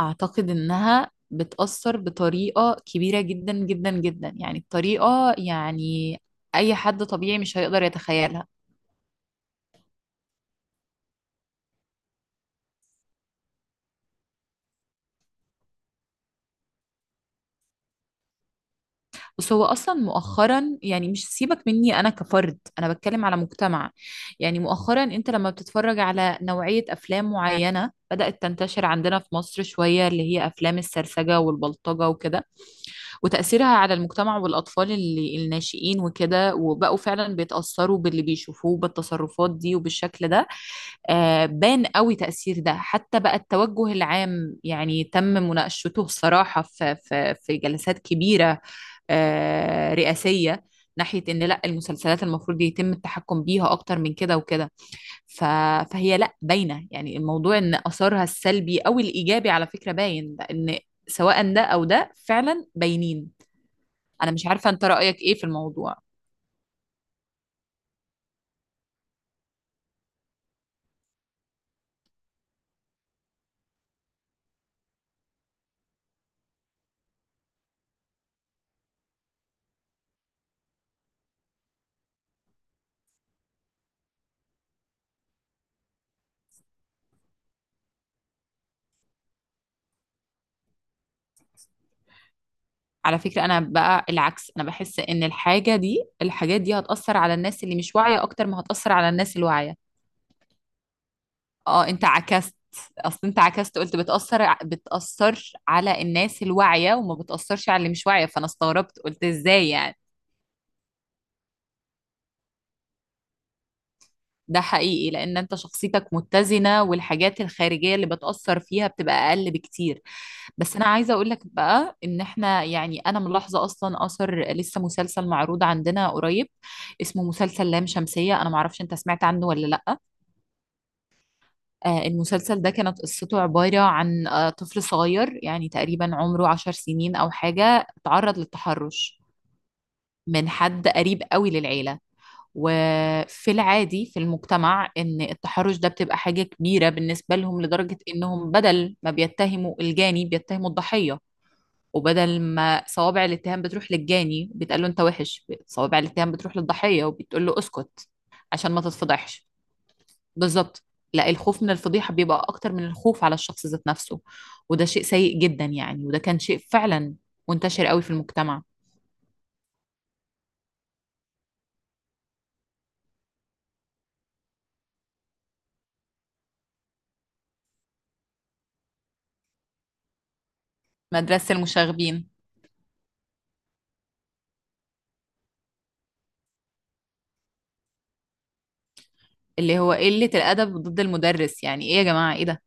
أعتقد إنها بتأثر بطريقة كبيرة جدا جدا جدا، يعني الطريقة، يعني أي حد طبيعي مش هيقدر يتخيلها. بس هو أصلا مؤخرا، يعني مش سيبك مني أنا كفرد، أنا بتكلم على مجتمع. يعني مؤخرا أنت لما بتتفرج على نوعية أفلام معينة بدأت تنتشر عندنا في مصر شوية، اللي هي أفلام السرسجة والبلطجة وكده، وتأثيرها على المجتمع والأطفال اللي الناشئين وكده، وبقوا فعلا بيتأثروا باللي بيشوفوه بالتصرفات دي وبالشكل ده. آه، بان قوي تأثير ده، حتى بقى التوجه العام يعني تم مناقشته بصراحة في جلسات كبيرة، رئاسية، ناحية إن لا المسلسلات المفروض يتم التحكم بيها أكتر من كده وكده. ف... فهي لا باينة، يعني الموضوع إن آثارها السلبي أو الإيجابي على فكرة باين إن سواء ده أو ده فعلا باينين. انا مش عارفه انت رايك ايه في الموضوع؟ على فكره، انا بقى العكس، انا بحس ان الحاجه دي، الحاجات دي هتاثر على الناس اللي مش واعيه اكتر ما هتاثر على الناس الواعيه. اه انت عكست. اصل انت عكست، قلت بتاثر بتاثر على الناس الواعيه وما بتاثرش على اللي مش واعيه، فانا استغربت، قلت ازاي يعني. ده حقيقي لان انت شخصيتك متزنة، والحاجات الخارجية اللي بتأثر فيها بتبقى اقل بكتير. بس انا عايزة اقول لك بقى ان احنا، يعني انا ملاحظة اصلا اثر، لسه مسلسل معروض عندنا قريب اسمه مسلسل لام شمسية، انا معرفش انت سمعت عنه ولا لا. آه، المسلسل ده كانت قصته عبارة عن طفل صغير يعني تقريبا عمره 10 سنين او حاجة، تعرض للتحرش من حد قريب قوي للعيلة. وفي العادي في المجتمع ان التحرش ده بتبقى حاجة كبيرة بالنسبة لهم، لدرجة انهم بدل ما بيتهموا الجاني بيتهموا الضحية، وبدل ما صوابع الاتهام بتروح للجاني بتقول له انت وحش، صوابع الاتهام بتروح للضحية وبتقول له اسكت عشان ما تتفضحش. بالظبط. لا الخوف من الفضيحة بيبقى اكتر من الخوف على الشخص ذات نفسه، وده شيء سيء جدا يعني، وده كان شيء فعلا منتشر قوي في المجتمع. مدرسة المشاغبين، اللي هو قلة الأدب ضد المدرس، يعني ايه يا جماعة، ايه ده؟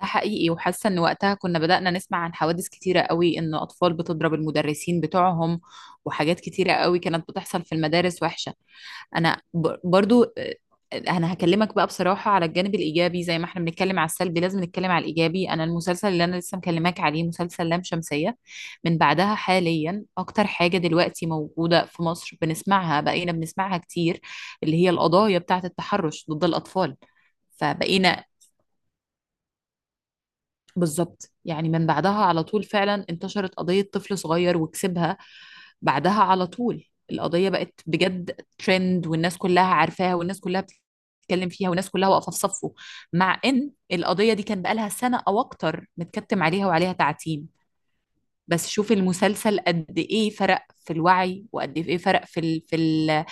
ده حقيقي، وحاسه ان وقتها كنا بدأنا نسمع عن حوادث كتيره قوي ان اطفال بتضرب المدرسين بتوعهم، وحاجات كتيره قوي كانت بتحصل في المدارس وحشه. انا برضو انا هكلمك بقى بصراحه على الجانب الايجابي. زي ما احنا بنتكلم على السلبي لازم نتكلم على الايجابي. انا المسلسل اللي انا لسه مكلماك عليه مسلسل لام شمسيه، من بعدها حاليا اكتر حاجه دلوقتي موجوده في مصر بقينا بنسمعها كتير، اللي هي القضايا بتاعه التحرش ضد الاطفال. فبقينا بالظبط، يعني من بعدها على طول فعلا انتشرت قضية طفل صغير وكسبها. بعدها على طول القضية بقت بجد ترند، والناس كلها عارفاها، والناس كلها بتتكلم فيها، والناس كلها واقفة في صفه، مع ان القضية دي كان بقالها سنة او اكتر متكتم عليها وعليها تعتيم. بس شوف المسلسل قد ايه فرق في الوعي، وقد ايه فرق في ال في ال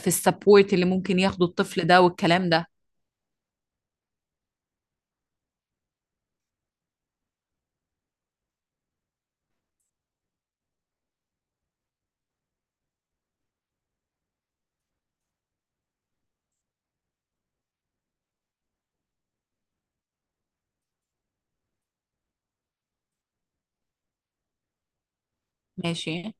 في السبورت اللي ممكن ياخده الطفل ده والكلام ده. ماشي.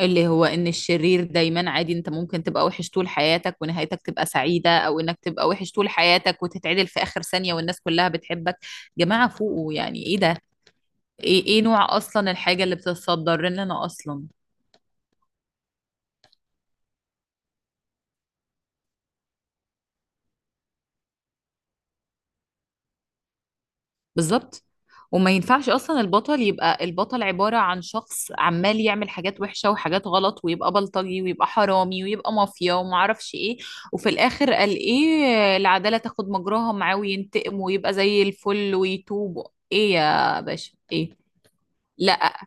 اللي هو ان الشرير دايما عادي، انت ممكن تبقى وحش طول حياتك ونهايتك تبقى سعيدة، او انك تبقى وحش طول حياتك وتتعدل في اخر ثانية والناس كلها بتحبك. جماعة فوقوا، يعني ايه ده؟ ايه نوع اصلا الحاجة اللي بتتصدر لنا اصلا. بالظبط، وما ينفعش اصلا البطل يبقى، البطل عبارة عن شخص عمال يعمل حاجات وحشة وحاجات غلط، ويبقى بلطجي ويبقى حرامي ويبقى مافيا وما اعرفش ايه. وفي الاخر قال ايه، العدالة تاخد مجراها معاه وينتقم ويبقى زي الفل ويتوب، ايه يا باشا ايه؟ لا،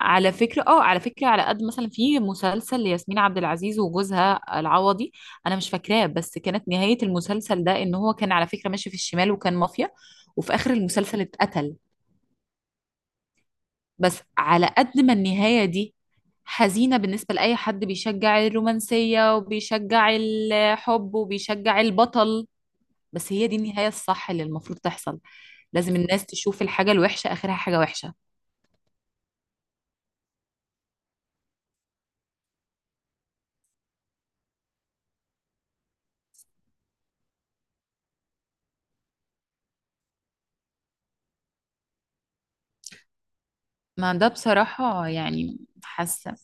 على فكرة على قد، مثلا في مسلسل لياسمين عبد العزيز وجوزها العوضي انا مش فاكراه، بس كانت نهاية المسلسل ده ان هو كان على فكرة ماشي في الشمال وكان مافيا، وفي اخر المسلسل اتقتل. بس على قد ما النهاية دي حزينة بالنسبة لأي حد بيشجع الرومانسية وبيشجع الحب وبيشجع البطل، بس هي دي النهاية الصح اللي المفروض تحصل. لازم الناس تشوف الحاجة الوحشة آخرها حاجة وحشة. ما ده بصراحة يعني، حاسة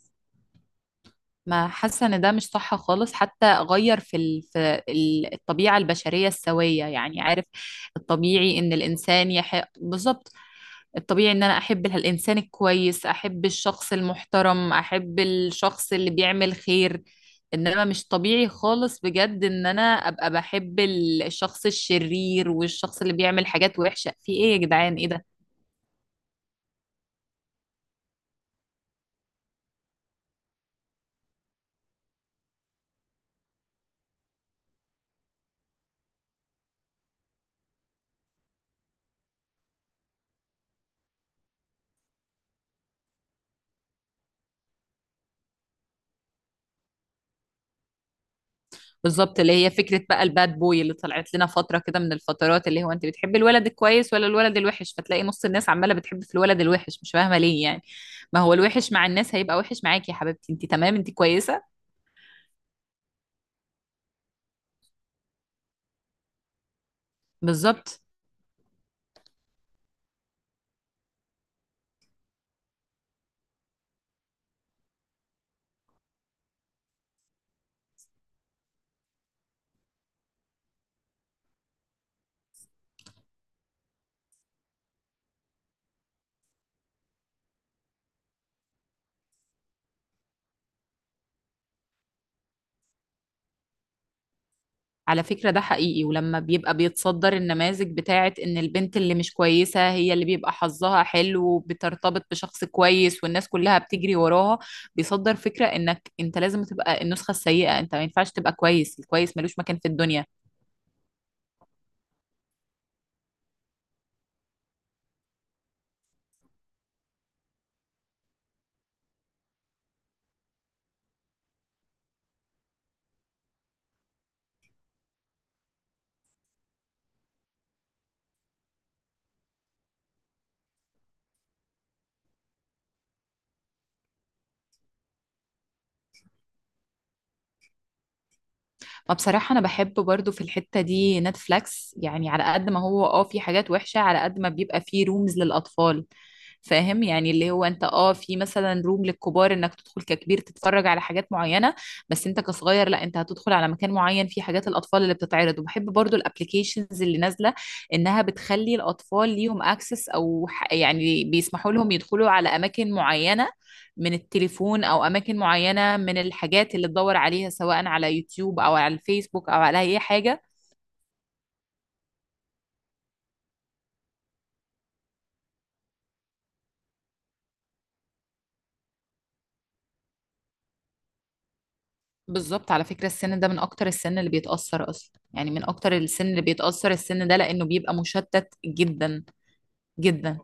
ما حاسة إن ده مش صح خالص، حتى غير في الطبيعة البشرية السوية، يعني عارف، الطبيعي إن الإنسان يحق بالظبط. الطبيعي ان انا احب الانسان الكويس، احب الشخص المحترم، احب الشخص اللي بيعمل خير. انما مش طبيعي خالص بجد ان انا ابقى بحب الشخص الشرير والشخص اللي بيعمل حاجات وحشة، في ايه يا جدعان ايه ده؟ بالظبط، اللي هي فكرة بقى الباد بوي اللي طلعت لنا فترة كده من الفترات، اللي هو انت بتحب الولد الكويس ولا الولد الوحش، فتلاقي نص الناس عمالة بتحب في الولد الوحش، مش فاهمة ليه يعني. ما هو الوحش مع الناس هيبقى وحش معاكي، يا حبيبتي انت تمام، انت كويسة. بالظبط، على فكرة ده حقيقي، ولما بيبقى بيتصدر النماذج بتاعت ان البنت اللي مش كويسة هي اللي بيبقى حظها حلو وبترتبط بشخص كويس والناس كلها بتجري وراها، بيصدر فكرة انك انت لازم تبقى النسخة السيئة، انت ما ينفعش تبقى كويس، الكويس ملوش مكان في الدنيا. ما بصراحة أنا بحب برضو في الحتة دي نتفليكس، يعني على قد ما هو في حاجات وحشة، على قد ما بيبقى فيه رومز للأطفال. فاهم، يعني اللي هو انت في مثلا روم للكبار انك تدخل ككبير تتفرج على حاجات معينة، بس انت كصغير لا، انت هتدخل على مكان معين فيه حاجات الأطفال اللي بتتعرض. وبحب برضو الابليكيشنز اللي نازلة، انها بتخلي الأطفال ليهم اكسس، او يعني بيسمحوا لهم يدخلوا على أماكن معينة من التليفون، او اماكن معينه من الحاجات اللي تدور عليها سواء على يوتيوب او على الفيسبوك او على اي حاجه. بالظبط، على فكره السن ده من اكتر السن اللي بيتاثر اصلا، يعني من اكتر السن اللي بيتاثر السن ده، لانه بيبقى مشتت جدا جدا.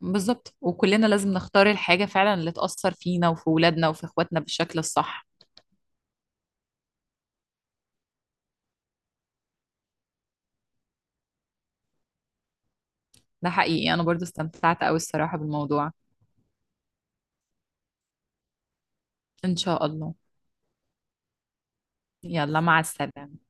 بالظبط، وكلنا لازم نختار الحاجه فعلا اللي تاثر فينا وفي ولادنا وفي اخواتنا بالشكل الصح. ده حقيقي، انا برضو استمتعت قوي الصراحه بالموضوع. ان شاء الله. يلا مع السلامه.